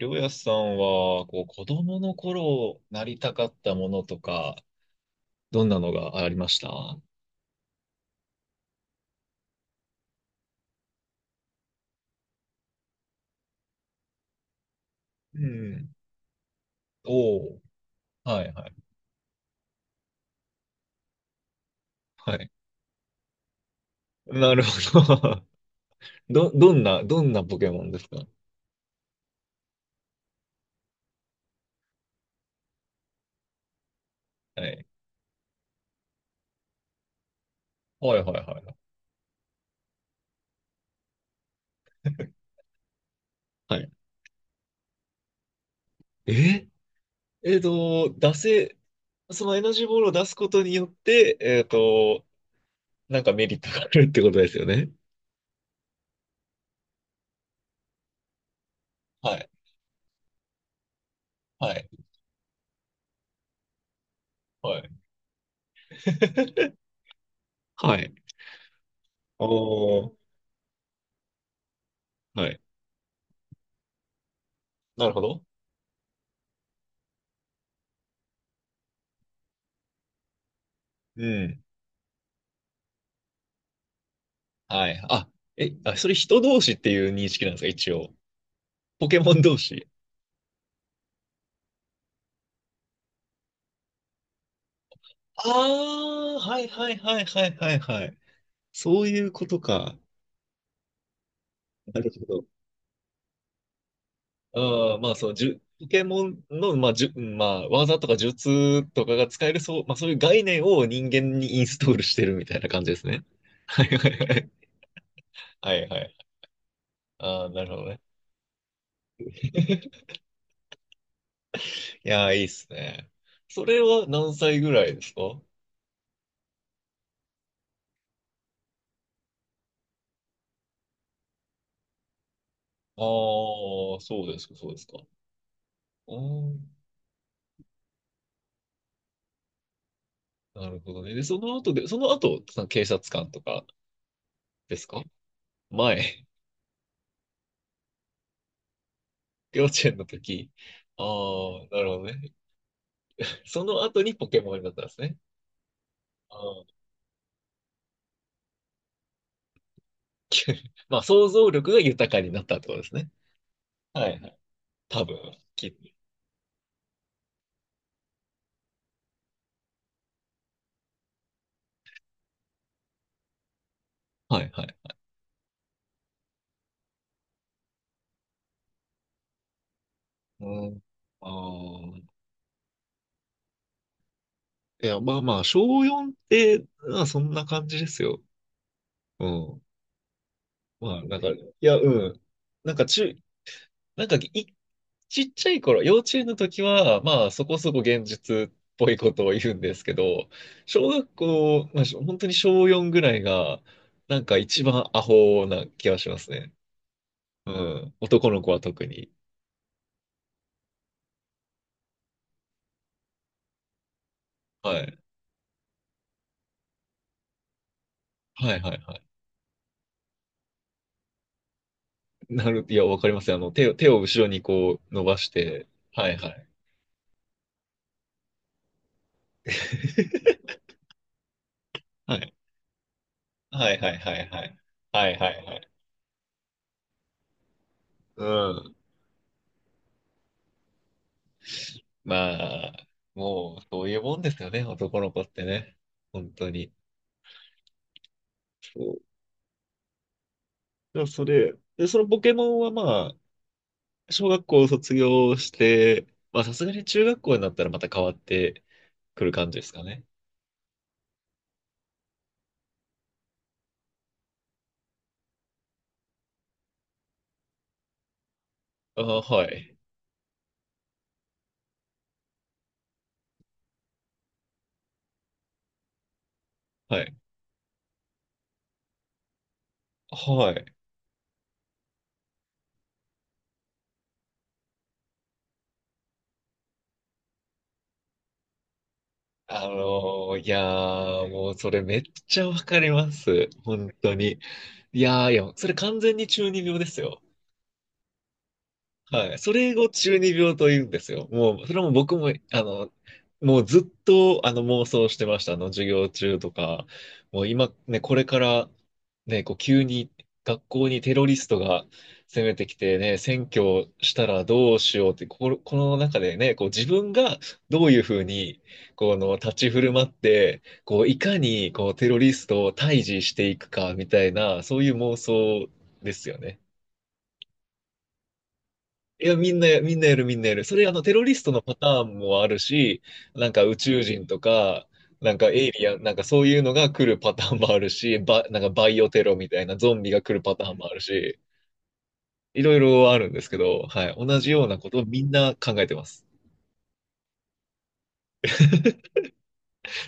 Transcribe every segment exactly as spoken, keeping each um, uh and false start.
りょうやさんは、こう、子供の頃なりたかったものとか、どんなのがありました？うん。おお、はいはい。はい。なるほど。ど、どんな、どんなポケモンですか？はい。はいはいはいはい。はい。ええっと、出せ、そのエナジーボールを出すことによって、えっと、なんかメリットがあるってことですよね。はい。はい。はい。はい。おー。はい。なるほど。うん。はい。あ、え、あ、それ人同士っていう認識なんですか、一応。ポケモン同士。ああ、はいはいはいはいはいはい。そういうことか。なるほど。ああ、まあそう、じゅ、ポケモンの、まあ、じゅ、まあ、技とか術とかが使える、そう、まあそういう概念を人間にインストールしてるみたいな感じですね。はいはいはい。はいはい。ああ、なるほどね。いやー、いいっすね。それは何歳ぐらいですか？ああー、そうですか、そうですか。あー、なるほどね。で、その後で、その後、その警察官とかですか？前、幼稚園の時。ああ、なるほどね。その後にポケモンになったんですね。ああ、まあ、想像力が豊かになったってことですね。はいはい。多分、きっと。はいはい。うん。ああ。いや、まあまあ、小しょうって、まあ、そんな感じですよ。うん。まあ、なんか、いや、うん。なんか中、なんかい、ちっちゃい頃、幼稚園の時は、まあ、そこそこ現実っぽいことを言うんですけど、小学校、まあ、しょ本当に小しょうぐらいが、なんか一番アホな気がしますね。うん。男の子は特に。はい。はいはいはい。なる、いや、わかりますよ。あの、手を、手を後ろにこう伸ばして、はいはい。はい。はいはいはいはい。はいはいはい。うん。まあ、もう、そういうもんですよね、男の子ってね。本当に。そう。だからそれ、で、そのポケモンはまあ、小学校を卒業して、まあさすがに中学校になったらまた変わってくる感じですかね。あ、はい。はい。はい。あのー、いやー、もうそれめっちゃわかります。本当に。いやー、いや、それ完全に中二病ですよ。はい。それを中二病と言うんですよ。もう、それも僕も、あの、もうずっと、あの、妄想してました。あの、授業中とか。もう今、ね、これから、ね、こう、急に学校にテロリストが攻めてきてね、占拠したらどうしようって、この、この中でね、こう、自分がどういうふうに、この、立ち振る舞って、こう、いかに、こう、テロリストを退治していくか、みたいな、そういう妄想ですよね。いや、みんなや、みんなやる、みんなやる。それ、あの、テロリストのパターンもあるし、なんか宇宙人とか、なんかエイリアン、なんかそういうのが来るパターンもあるし、ば、なんかバイオテロみたいなゾンビが来るパターンもあるし、いろいろあるんですけど、はい。同じようなことをみんな考えてます。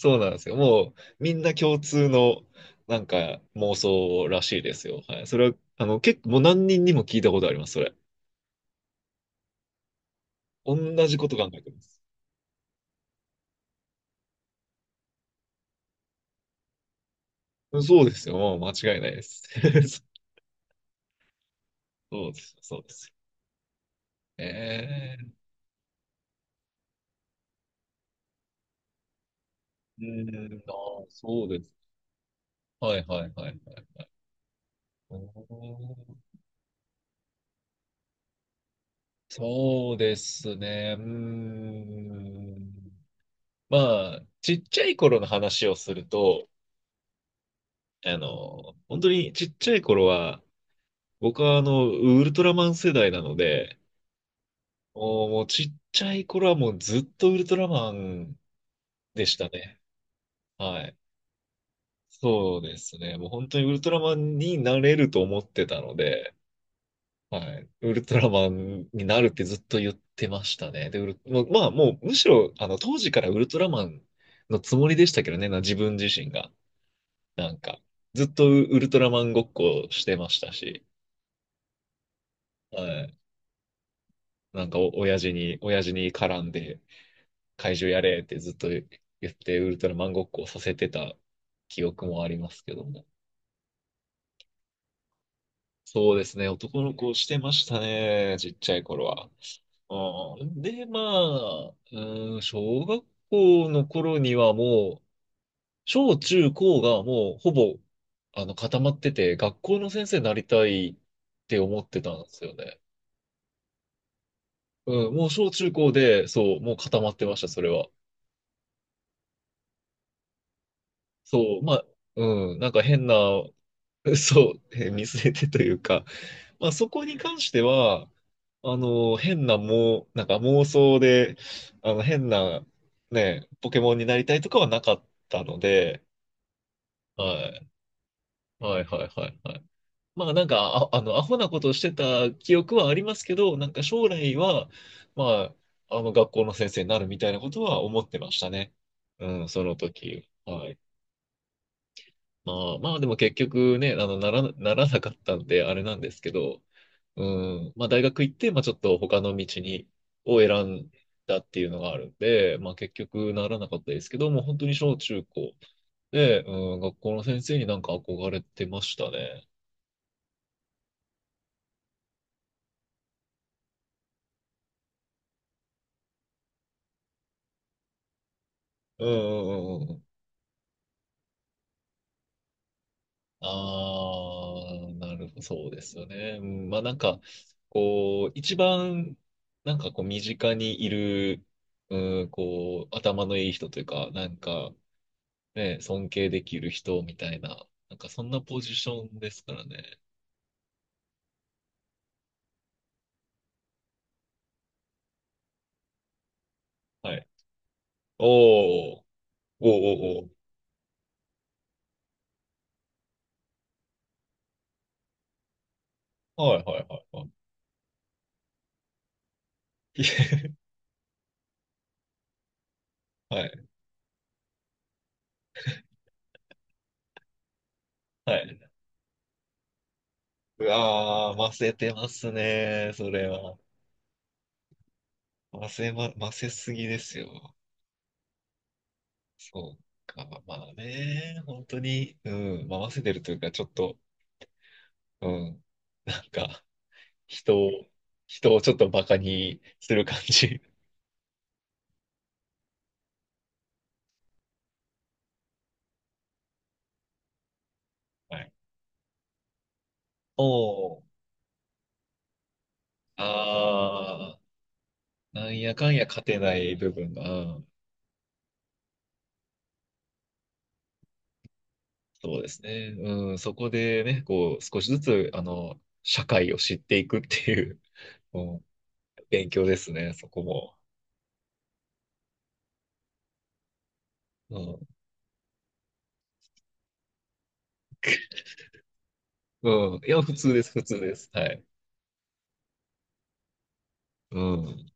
そうなんですよ。もう、みんな共通の、なんか妄想らしいですよ。はい。それは、あの、結構、もう何人にも聞いたことあります、それ。同じこと考えてます。そうですよ。もう間違いないです。そうです。そうです。ええ。うん、ああ、そうです。はいはいはいはい。おー。そうですね。うーん。まあ、ちっちゃい頃の話をすると、あの、本当にちっちゃい頃は、僕はあの、ウルトラマン世代なので、もう、もうちっちゃい頃はもうずっとウルトラマンでしたね。はい。そうですね。もう本当にウルトラマンになれると思ってたので、はい。ウルトラマンになるってずっと言ってましたね。で、ウル、もうまあ、もう、むしろ、あの、当時からウルトラマンのつもりでしたけどね、な、自分自身が。なんか、ずっとウウルトラマンごっこしてましたし、はい。なんかお、親父に、親父に絡んで、怪獣やれってずっと言って、ウルトラマンごっこをさせてた記憶もありますけども。そうですね、男の子をしてましたね、ちっちゃい頃は。ああ、で、まあ、うん、小学校の頃にはもう、小中高がもうほぼ、あの、固まってて、学校の先生になりたいって思ってたんですよね。うん、もう小中高で、そう、もう固まってました、それは。そう、まあ、うん、なんか変な。 そう、えー見据えてというか、まあそこに関しては、あの、変なもう、なんか妄想で、あの、変な、ね、ポケモンになりたいとかはなかったので、はい、はい、はい、はい、はい。まあなんか、あ、あの、アホなことしてた記憶はありますけど、なんか将来は、まあ、あの、学校の先生になるみたいなことは思ってましたね。うん、その時。はい。まあ、まあでも結局ね、あの、なら、ならなかったんで、あれなんですけど、うん。まあ、大学行って、まあ、ちょっと他の道に、を選んだっていうのがあるんで、まあ、結局ならなかったですけど、もう本当に小中高で、うん、学校の先生になんか憧れてましたね。うんうんうんうん。ああ、なるほど、そうですよね。うん、まあ、なんか、こう、一番、なんかこう、身近にいる、うん、こう、頭のいい人というか、なんか、ね、尊敬できる人みたいな、なんかそんなポジションですからね。はい。おー、おー、おー、おー。はい、はい、はい、はい。はい、はい。うわー、ませてますね、それは。ませま、ませすぎですよ。そうか、まあね、本当に、うん、まあ、ませてるというか、ちょっと、うん、なんか、人を、人をちょっとバカにする感じ。はい。おー、あー、なんやかんや勝てない部分が、うん。そうですね。うん、そこでね、こう、少しずつ、あの、社会を知っていくっていう、うん、勉強ですね、そこも。うん、うん、いや、普通です、普通です。はい。うん。